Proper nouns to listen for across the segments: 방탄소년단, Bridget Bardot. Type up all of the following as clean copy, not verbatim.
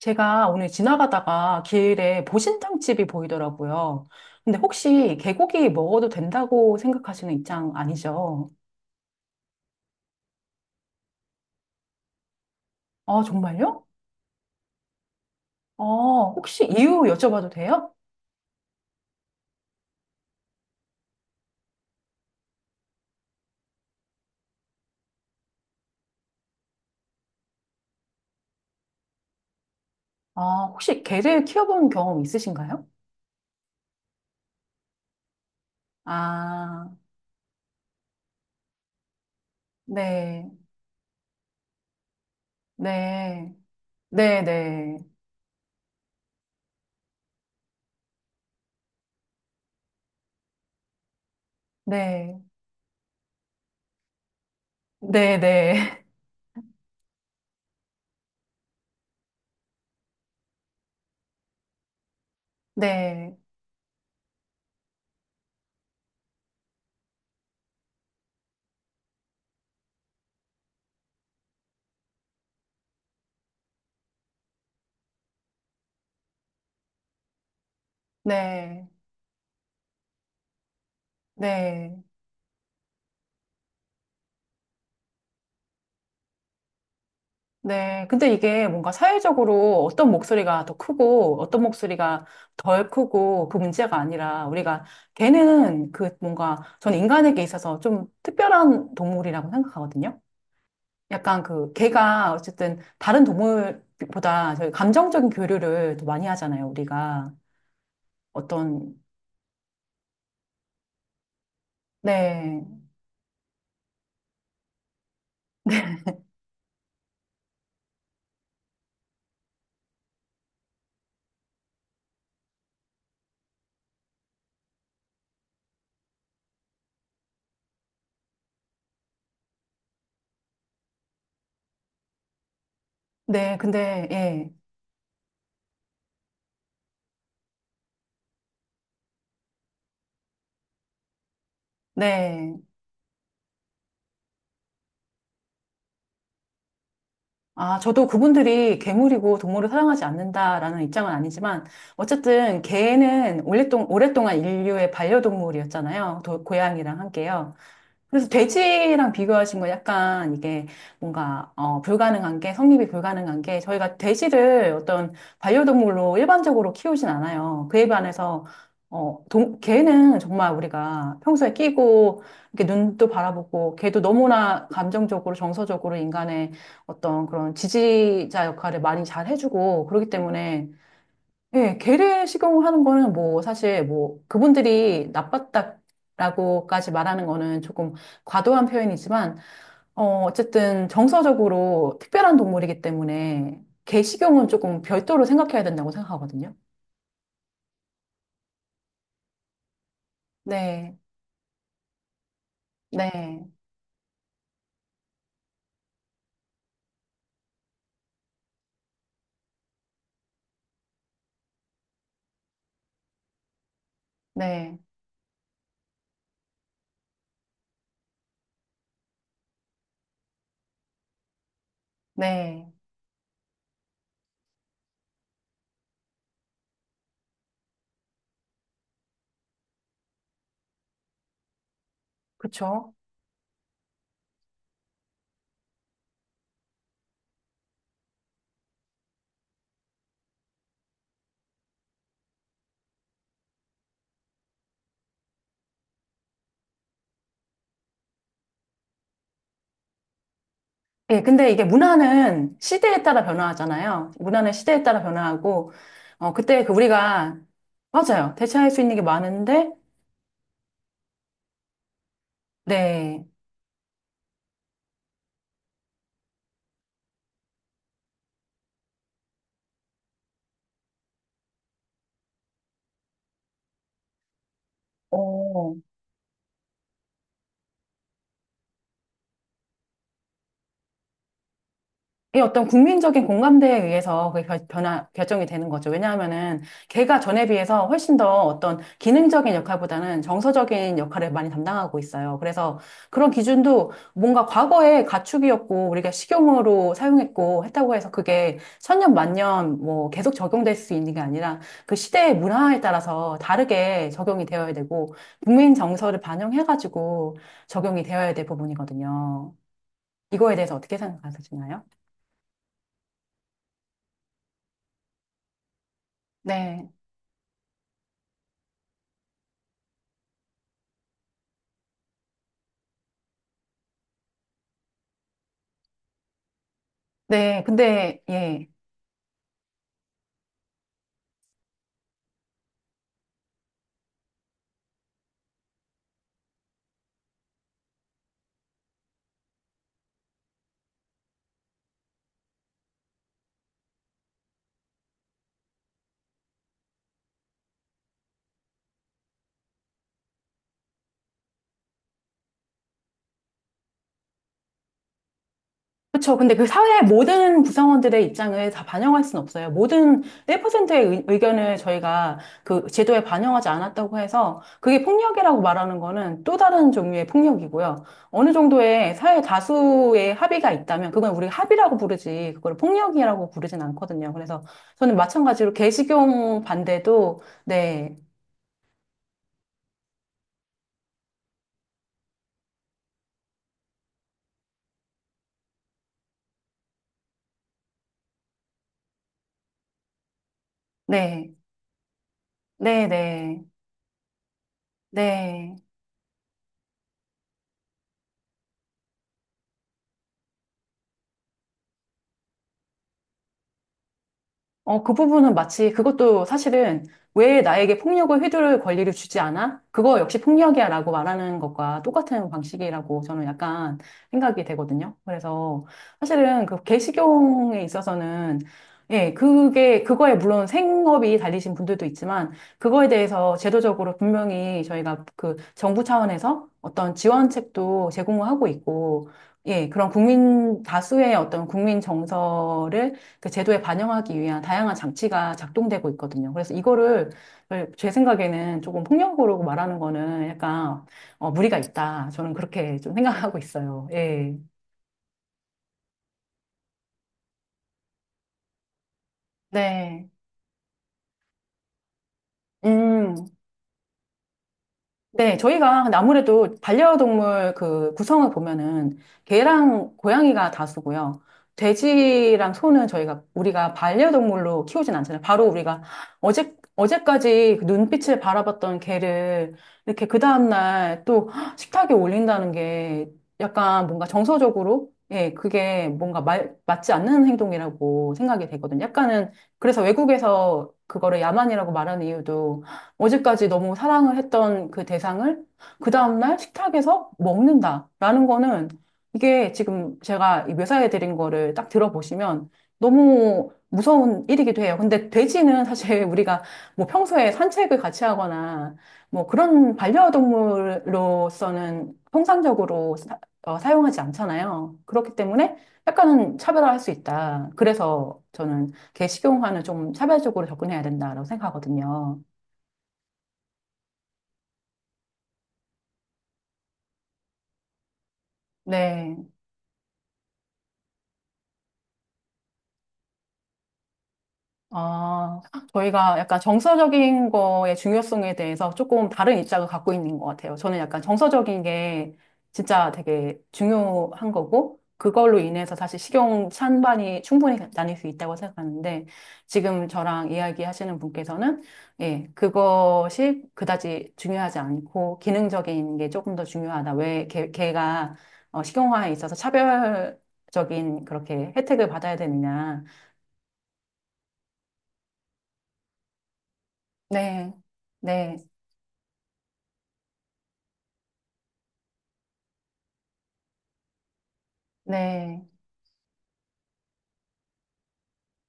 제가 오늘 지나가다가 길에 보신탕집이 보이더라고요. 근데 혹시 개고기 먹어도 된다고 생각하시는 입장 아니죠? 아, 정말요? 아, 혹시 이유 여쭤봐도 돼요? 아, 혹시 개를 키워본 경험 있으신가요? 아, 네, 네, 네, 네, 네, 네, 네, 네, 네, 네. 네. 근데 이게 뭔가 사회적으로 어떤 목소리가 더 크고 어떤 목소리가 덜 크고 그 문제가 아니라 우리가 걔는 그 뭔가 저는 인간에게 있어서 좀 특별한 동물이라고 생각하거든요. 약간 그 걔가 어쨌든 다른 동물보다 저희 감정적인 교류를 더 많이 하잖아요. 우리가 어떤 네. 네. 근데 예. 네. 아, 저도 그분들이 괴물이고 동물을 사랑하지 않는다라는 입장은 아니지만, 어쨌든 개는 오랫동안 인류의 반려동물이었잖아요. 고양이랑 함께요. 그래서 돼지랑 비교하신 건 약간 이게 뭔가 어, 불가능한 게 성립이 불가능한 게 저희가 돼지를 어떤 반려동물로 일반적으로 키우진 않아요. 그에 반해서 어, 개는 정말 우리가 평소에 끼고 이렇게 눈도 바라보고 개도 너무나 감정적으로 정서적으로 인간의 어떤 그런 지지자 역할을 많이 잘 해주고 그렇기 때문에 예, 개를 식용 하는 거는 뭐 사실 뭐 그분들이 나빴다라고까지 말하는 거는 조금 과도한 표현이지만 어 어쨌든 정서적으로 특별한 동물이기 때문에 개 식용은 조금 별도로 생각해야 된다고 생각하거든요. 네, 네, 네, 네, 그렇죠. 예, 근데 이게 문화는 시대에 따라 변화하잖아요. 문화는 시대에 따라 변화하고 어 그때 그 우리가 맞아요. 대체할 수 있는 게 많은데 네. 어, 이 어떤 국민적인 공감대에 의해서 그게 결정이 되는 거죠. 왜냐하면은 걔가 전에 비해서 훨씬 더 어떤 기능적인 역할보다는 정서적인 역할을 많이 담당하고 있어요. 그래서 그런 기준도 뭔가 과거에 가축이었고 우리가 식용으로 사용했고 했다고 해서 그게 천년 만년 뭐 계속 적용될 수 있는 게 아니라 그 시대의 문화에 따라서 다르게 적용이 되어야 되고 국민 정서를 반영해가지고 적용이 되어야 될 부분이거든요. 이거에 대해서 어떻게 생각하시나요? 네. 네, 근데, 예. 그렇죠. 근데 그 사회 모든 구성원들의 입장을 다 반영할 수는 없어요. 모든 1%의 의견을 저희가 그 제도에 반영하지 않았다고 해서 그게 폭력이라고 말하는 거는 또 다른 종류의 폭력이고요. 어느 정도의 사회 다수의 합의가 있다면 그건 우리 합의라고 부르지 그걸 폭력이라고 부르진 않거든요. 그래서 저는 마찬가지로 개식용 반대도 네, 네, 네, 네, 네. 어, 그 부분은 마치 그것도 사실은 왜 나에게 폭력을 휘두를 권리를 주지 않아? 그거 역시 폭력이야 라고 말하는 것과 똑같은 방식이라고 저는 약간 생각이 되거든요. 그래서 사실은 그 개식용에 있어서는 예, 그게, 그거에 물론 생업이 달리신 분들도 있지만 그거에 대해서 제도적으로 분명히 저희가 그 정부 차원에서 어떤 지원책도 제공을 하고 있고 예, 그런 국민, 다수의 어떤 국민 정서를 그 제도에 반영하기 위한 다양한 장치가 작동되고 있거든요. 그래서 이거를 제 생각에는 조금 폭력으로 말하는 거는 약간 어, 무리가 있다. 저는 그렇게 좀 생각하고 있어요. 예. 네. 음. 네, 저희가 근데 아무래도 반려동물 그 구성을 보면은 개랑 고양이가 다수고요. 돼지랑 소는 저희가 우리가 반려동물로 키우진 않잖아요. 바로 우리가 어제까지 그 눈빛을 바라봤던 개를 이렇게 그 다음날 또 식탁에 올린다는 게 약간 뭔가 정서적으로 예, 그게 뭔가 맞지 않는 행동이라고 생각이 되거든요. 약간은 그래서 외국에서 그거를 야만이라고 말하는 이유도 어제까지 너무 사랑을 했던 그 대상을 그 다음날 식탁에서 먹는다라는 거는 이게 지금 제가 이 묘사해 드린 거를 딱 들어보시면 너무 무서운 일이기도 해요. 근데 돼지는 사실 우리가 뭐 평소에 산책을 같이 하거나 뭐 그런 반려동물로서는 통상적으로 사용하지 않잖아요. 그렇기 때문에 약간은 차별화할 수 있다. 그래서 저는 개 식용화는 좀 차별적으로 접근해야 된다라고 생각하거든요. 네. 아, 저희가 약간 정서적인 거의 중요성에 대해서 조금 다른 입장을 갖고 있는 것 같아요. 저는 약간 정서적인 게 진짜 되게 중요한 거고, 그걸로 인해서 사실 식용 찬반이 충분히 나뉠 수 있다고 생각하는데, 지금 저랑 이야기하시는 분께서는, 예, 그것이 그다지 중요하지 않고, 기능적인 게 조금 더 중요하다. 왜 걔가 어, 식용화에 있어서 차별적인 그렇게 혜택을 받아야 되느냐. 네, 네, 네,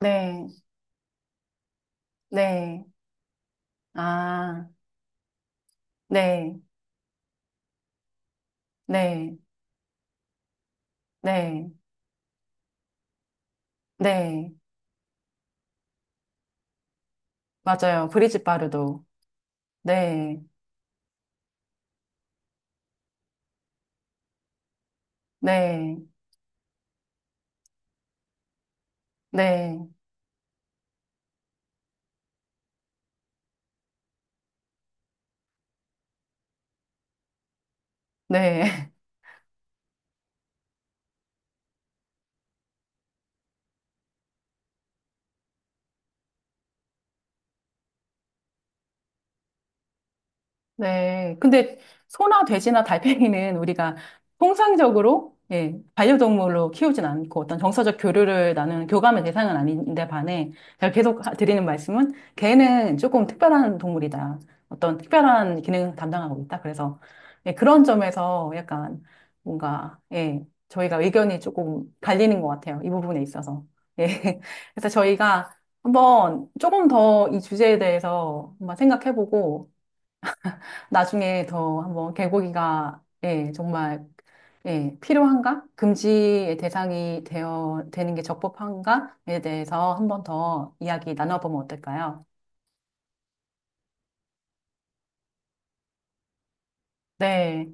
네, 네, 아, 네, 네, 네, 네, 맞아요. 브리짓 바르도. 네, 네, 네, 네. 네. 근데 소나 돼지나 달팽이는 우리가 통상적으로 예, 반려동물로 키우진 않고 어떤 정서적 교류를 나누는 교감의 대상은 아닌데 반해 제가 계속 드리는 말씀은 개는 조금 특별한 동물이다. 어떤 특별한 기능을 담당하고 있다. 그래서 예, 그런 점에서 약간 뭔가 예, 저희가 의견이 조금 갈리는 것 같아요. 이 부분에 있어서. 예. 그래서 저희가 한번 조금 더 이 주제에 대해서 한번 생각해보고 나중에 더 한번 개고기가 예, 정말 예, 필요한가? 금지의 대상이 되어 되는 게 적법한가에 대해서 한번 더 이야기 나눠보면 어떨까요? 네,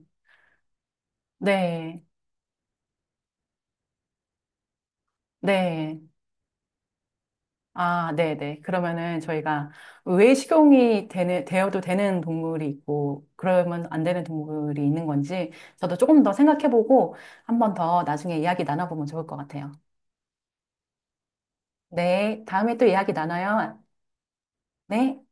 네, 네. 아, 네, 네. 그러면은 저희가 왜 식용이 되는, 되어도 되는 동물이 있고, 그러면 안 되는 동물이 있는 건지, 저도 조금 더 생각해보고, 한번 더 나중에 이야기 나눠보면 좋을 것 같아요. 네, 다음에 또 이야기 나눠요. 네.